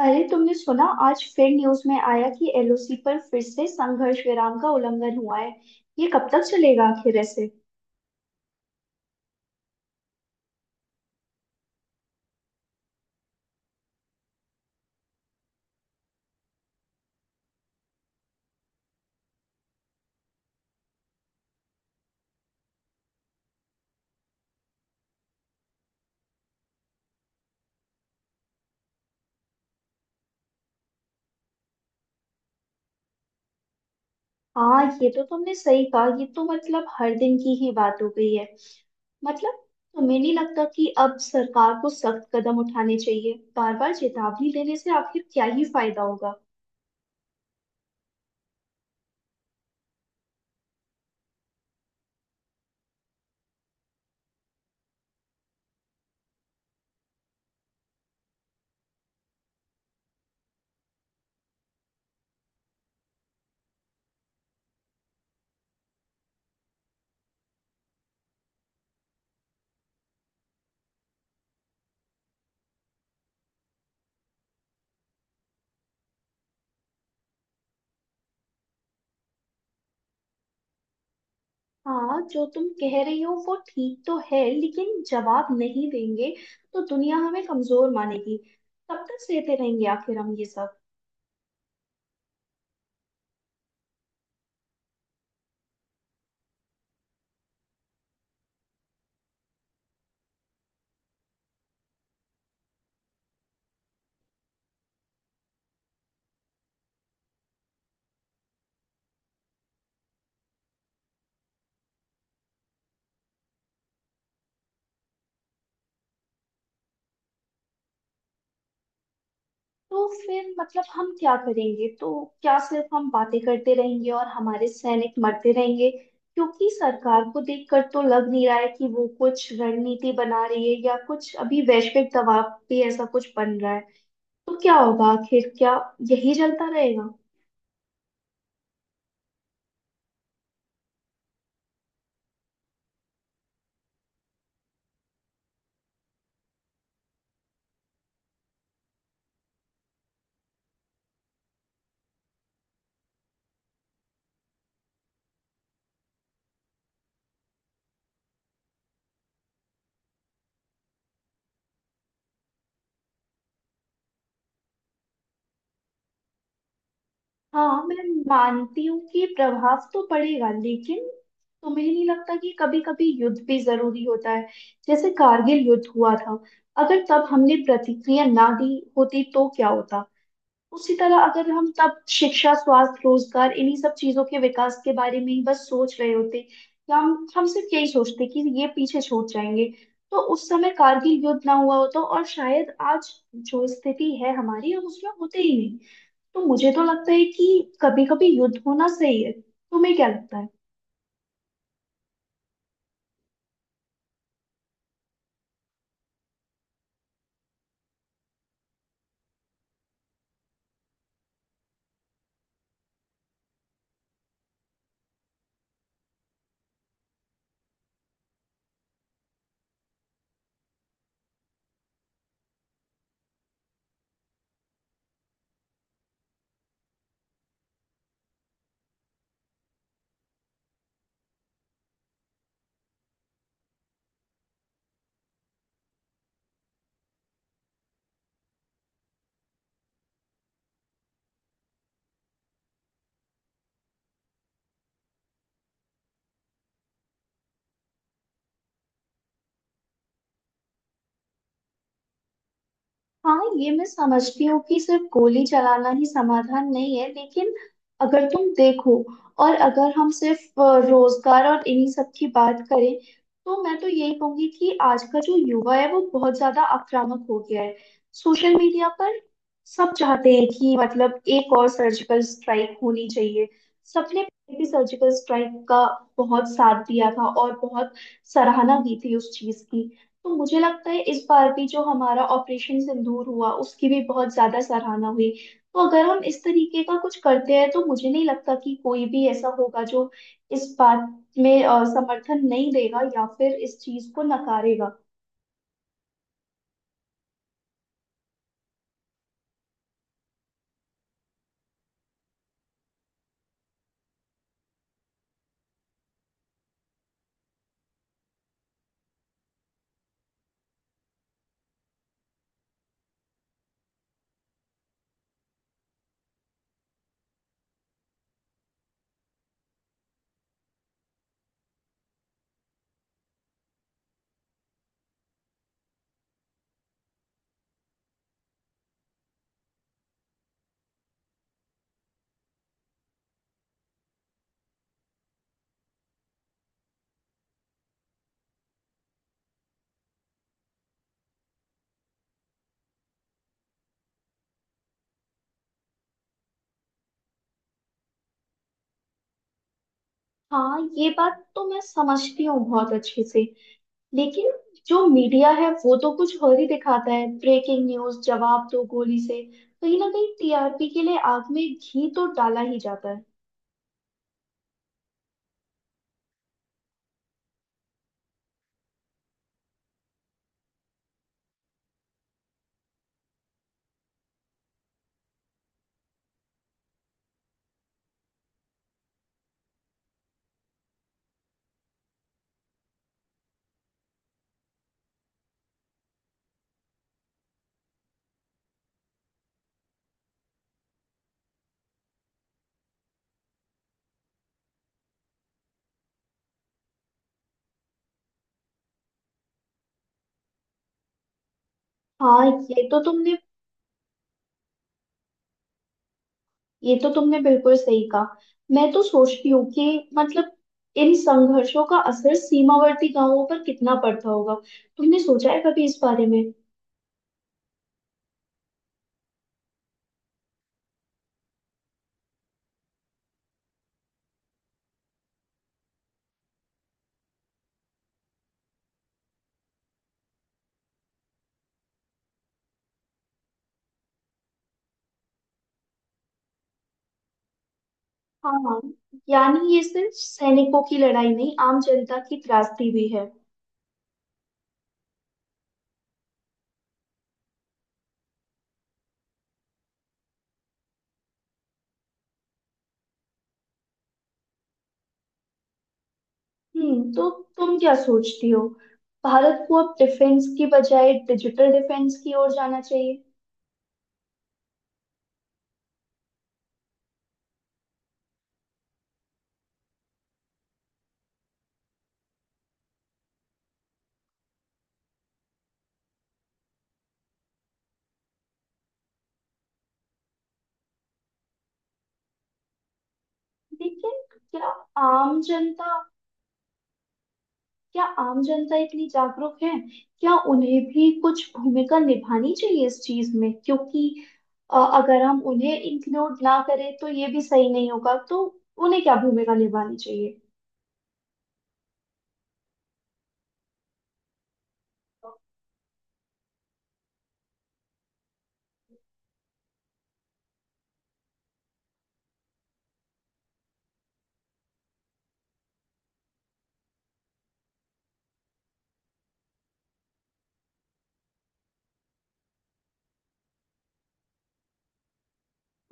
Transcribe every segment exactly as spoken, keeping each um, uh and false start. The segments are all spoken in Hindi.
अरे तुमने सुना, आज फिर न्यूज में आया कि एल ओ सी पर फिर से संघर्ष विराम का उल्लंघन हुआ है। ये कब तक चलेगा आखिर ऐसे? हाँ, ये तो तुमने सही कहा, ये तो मतलब हर दिन की ही बात हो गई है। मतलब, तुम्हें नहीं लगता कि अब सरकार को सख्त कदम उठाने चाहिए? बार बार चेतावनी देने से आखिर क्या ही फायदा होगा? हाँ, जो तुम कह रही हो वो ठीक तो है, लेकिन जवाब नहीं देंगे तो दुनिया हमें कमजोर मानेगी। तब तक सहते रहेंगे आखिर हम ये सब? तो फिर मतलब हम क्या करेंगे तो? क्या सिर्फ हम बातें करते रहेंगे और हमारे सैनिक मरते रहेंगे? क्योंकि सरकार को देखकर तो लग नहीं रहा है कि वो कुछ रणनीति बना रही है या कुछ अभी वैश्विक दबाव पे ऐसा कुछ बन रहा है। तो क्या होगा आखिर, क्या यही चलता रहेगा? हाँ, मैं मानती हूँ कि प्रभाव तो पड़ेगा, लेकिन तुम्हें नहीं लगता कि कभी कभी युद्ध भी जरूरी होता है? जैसे कारगिल युद्ध हुआ था, अगर तब हमने प्रतिक्रिया ना दी होती तो क्या होता? उसी तरह अगर हम तब शिक्षा स्वास्थ्य रोजगार इन्हीं सब चीजों के विकास के बारे में ही बस सोच रहे होते, या हम हम सिर्फ यही सोचते कि ये पीछे छूट जाएंगे, तो उस समय कारगिल युद्ध ना हुआ होता और शायद आज जो स्थिति है हमारी, हम उसमें होते ही नहीं। तो मुझे तो लगता है कि कभी कभी युद्ध होना सही है। तुम्हें क्या लगता है? हाँ, ये मैं समझती हूँ कि सिर्फ गोली चलाना ही समाधान नहीं है, लेकिन अगर तुम देखो, और अगर हम सिर्फ अ, रोजगार और इन्हीं सब की बात करें, तो मैं तो यही कहूंगी कि आज का जो युवा है वो बहुत ज्यादा आक्रामक हो गया है। सोशल मीडिया पर सब चाहते हैं कि मतलब एक और सर्जिकल स्ट्राइक होनी चाहिए। सबने भी सर्जिकल स्ट्राइक का बहुत साथ दिया था और बहुत सराहना की थी उस चीज की। तो मुझे लगता है इस बार भी जो हमारा ऑपरेशन सिंदूर हुआ उसकी भी बहुत ज्यादा सराहना हुई। तो अगर हम इस तरीके का कुछ करते हैं तो मुझे नहीं लगता कि कोई भी ऐसा होगा जो इस बात में अ, समर्थन नहीं देगा या फिर इस चीज को नकारेगा। हाँ, ये बात तो मैं समझती हूँ बहुत अच्छे से, लेकिन जो मीडिया है वो तो कुछ और ही दिखाता है, ब्रेकिंग न्यूज, जवाब दो गोली से। कहीं ना कहीं टी आर पी के लिए आग में घी तो डाला ही जाता है। हाँ, ये तो तुमने ये तो तुमने बिल्कुल सही कहा। मैं तो सोचती हूँ कि मतलब इन संघर्षों का असर सीमावर्ती गांवों पर कितना पड़ता होगा। तुमने सोचा है कभी इस बारे में? हाँ, यानी ये सिर्फ सैनिकों की लड़ाई नहीं, आम जनता की त्रासदी भी है। हम्म, तो तुम क्या सोचती हो, भारत को अब डिफेंस की बजाय डिजिटल डिफेंस की ओर जाना चाहिए? लेकिन क्या आम जनता, क्या आम जनता इतनी जागरूक है? क्या उन्हें भी कुछ भूमिका निभानी चाहिए इस चीज में? क्योंकि अ, अगर हम उन्हें इंक्लूड ना करें तो ये भी सही नहीं होगा। तो उन्हें क्या भूमिका निभानी चाहिए?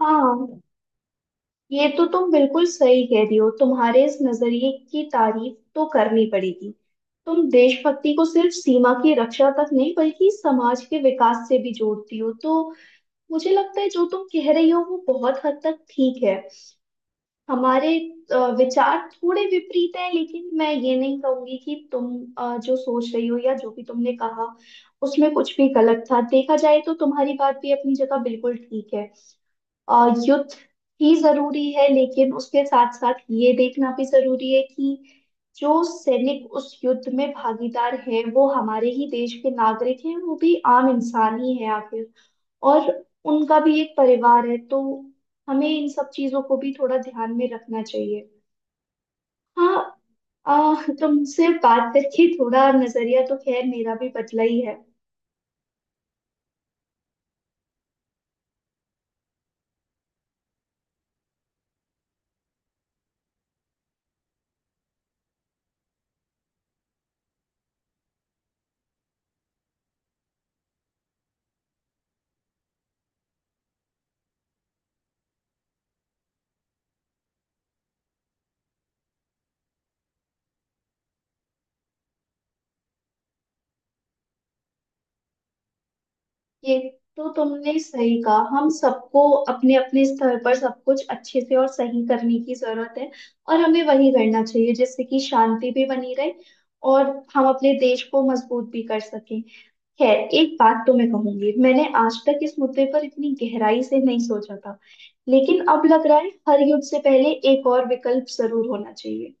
हाँ, ये तो तुम बिल्कुल सही कह रही हो, तुम्हारे इस नजरिए की तारीफ तो करनी पड़ेगी। तुम देशभक्ति को सिर्फ सीमा की रक्षा तक नहीं, बल्कि समाज के विकास से भी जोड़ती हो। तो मुझे लगता है जो तुम कह रही हो वो बहुत हद तक ठीक है। हमारे अ, विचार थोड़े विपरीत हैं, लेकिन मैं ये नहीं कहूंगी कि तुम अ, जो सोच रही हो या जो भी तुमने कहा उसमें कुछ भी गलत था। देखा जाए तो तुम्हारी बात भी अपनी जगह बिल्कुल ठीक है। अ, युद्ध ही जरूरी है, लेकिन उसके साथ साथ ये देखना भी जरूरी है कि जो सैनिक उस युद्ध में भागीदार हैं वो हमारे ही देश के नागरिक हैं, वो भी आम इंसान ही है आखिर। और उनका भी एक परिवार है। तो हमें इन सब चीजों को भी थोड़ा ध्यान में रखना चाहिए। हाँ। आ, तुमसे बात करके थोड़ा नजरिया तो खैर मेरा भी बदला ही है। ये तो तुमने सही कहा, हम सबको अपने अपने स्तर पर सब कुछ अच्छे से और सही करने की जरूरत है। और हमें वही करना चाहिए जिससे कि शांति भी बनी रहे, और हम अपने देश को मजबूत भी कर सकें। खैर, एक बात तो मैं कहूंगी, मैंने आज तक इस मुद्दे पर इतनी गहराई से नहीं सोचा था, लेकिन अब लग रहा है हर युद्ध से पहले एक और विकल्प जरूर होना चाहिए।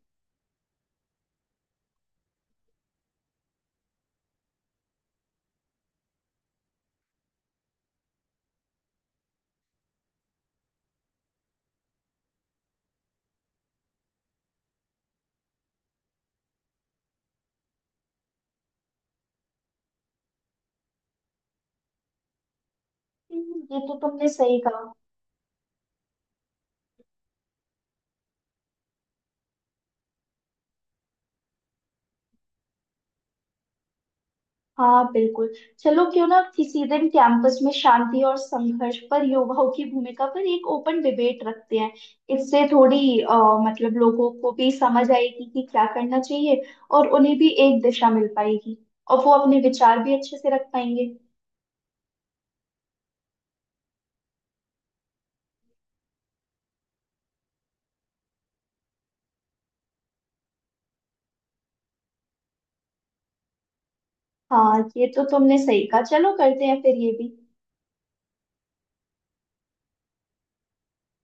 हम्म, ये तो तुमने सही कहा। हाँ, बिल्कुल। चलो, क्यों ना किसी दिन कैंपस में शांति और संघर्ष पर युवाओं की भूमिका पर एक ओपन डिबेट रखते हैं। इससे थोड़ी अ, मतलब लोगों को भी समझ आएगी कि क्या करना चाहिए, और उन्हें भी एक दिशा मिल पाएगी, और वो अपने विचार भी अच्छे से रख पाएंगे। हाँ, ये तो तुमने सही कहा, चलो करते हैं फिर ये भी।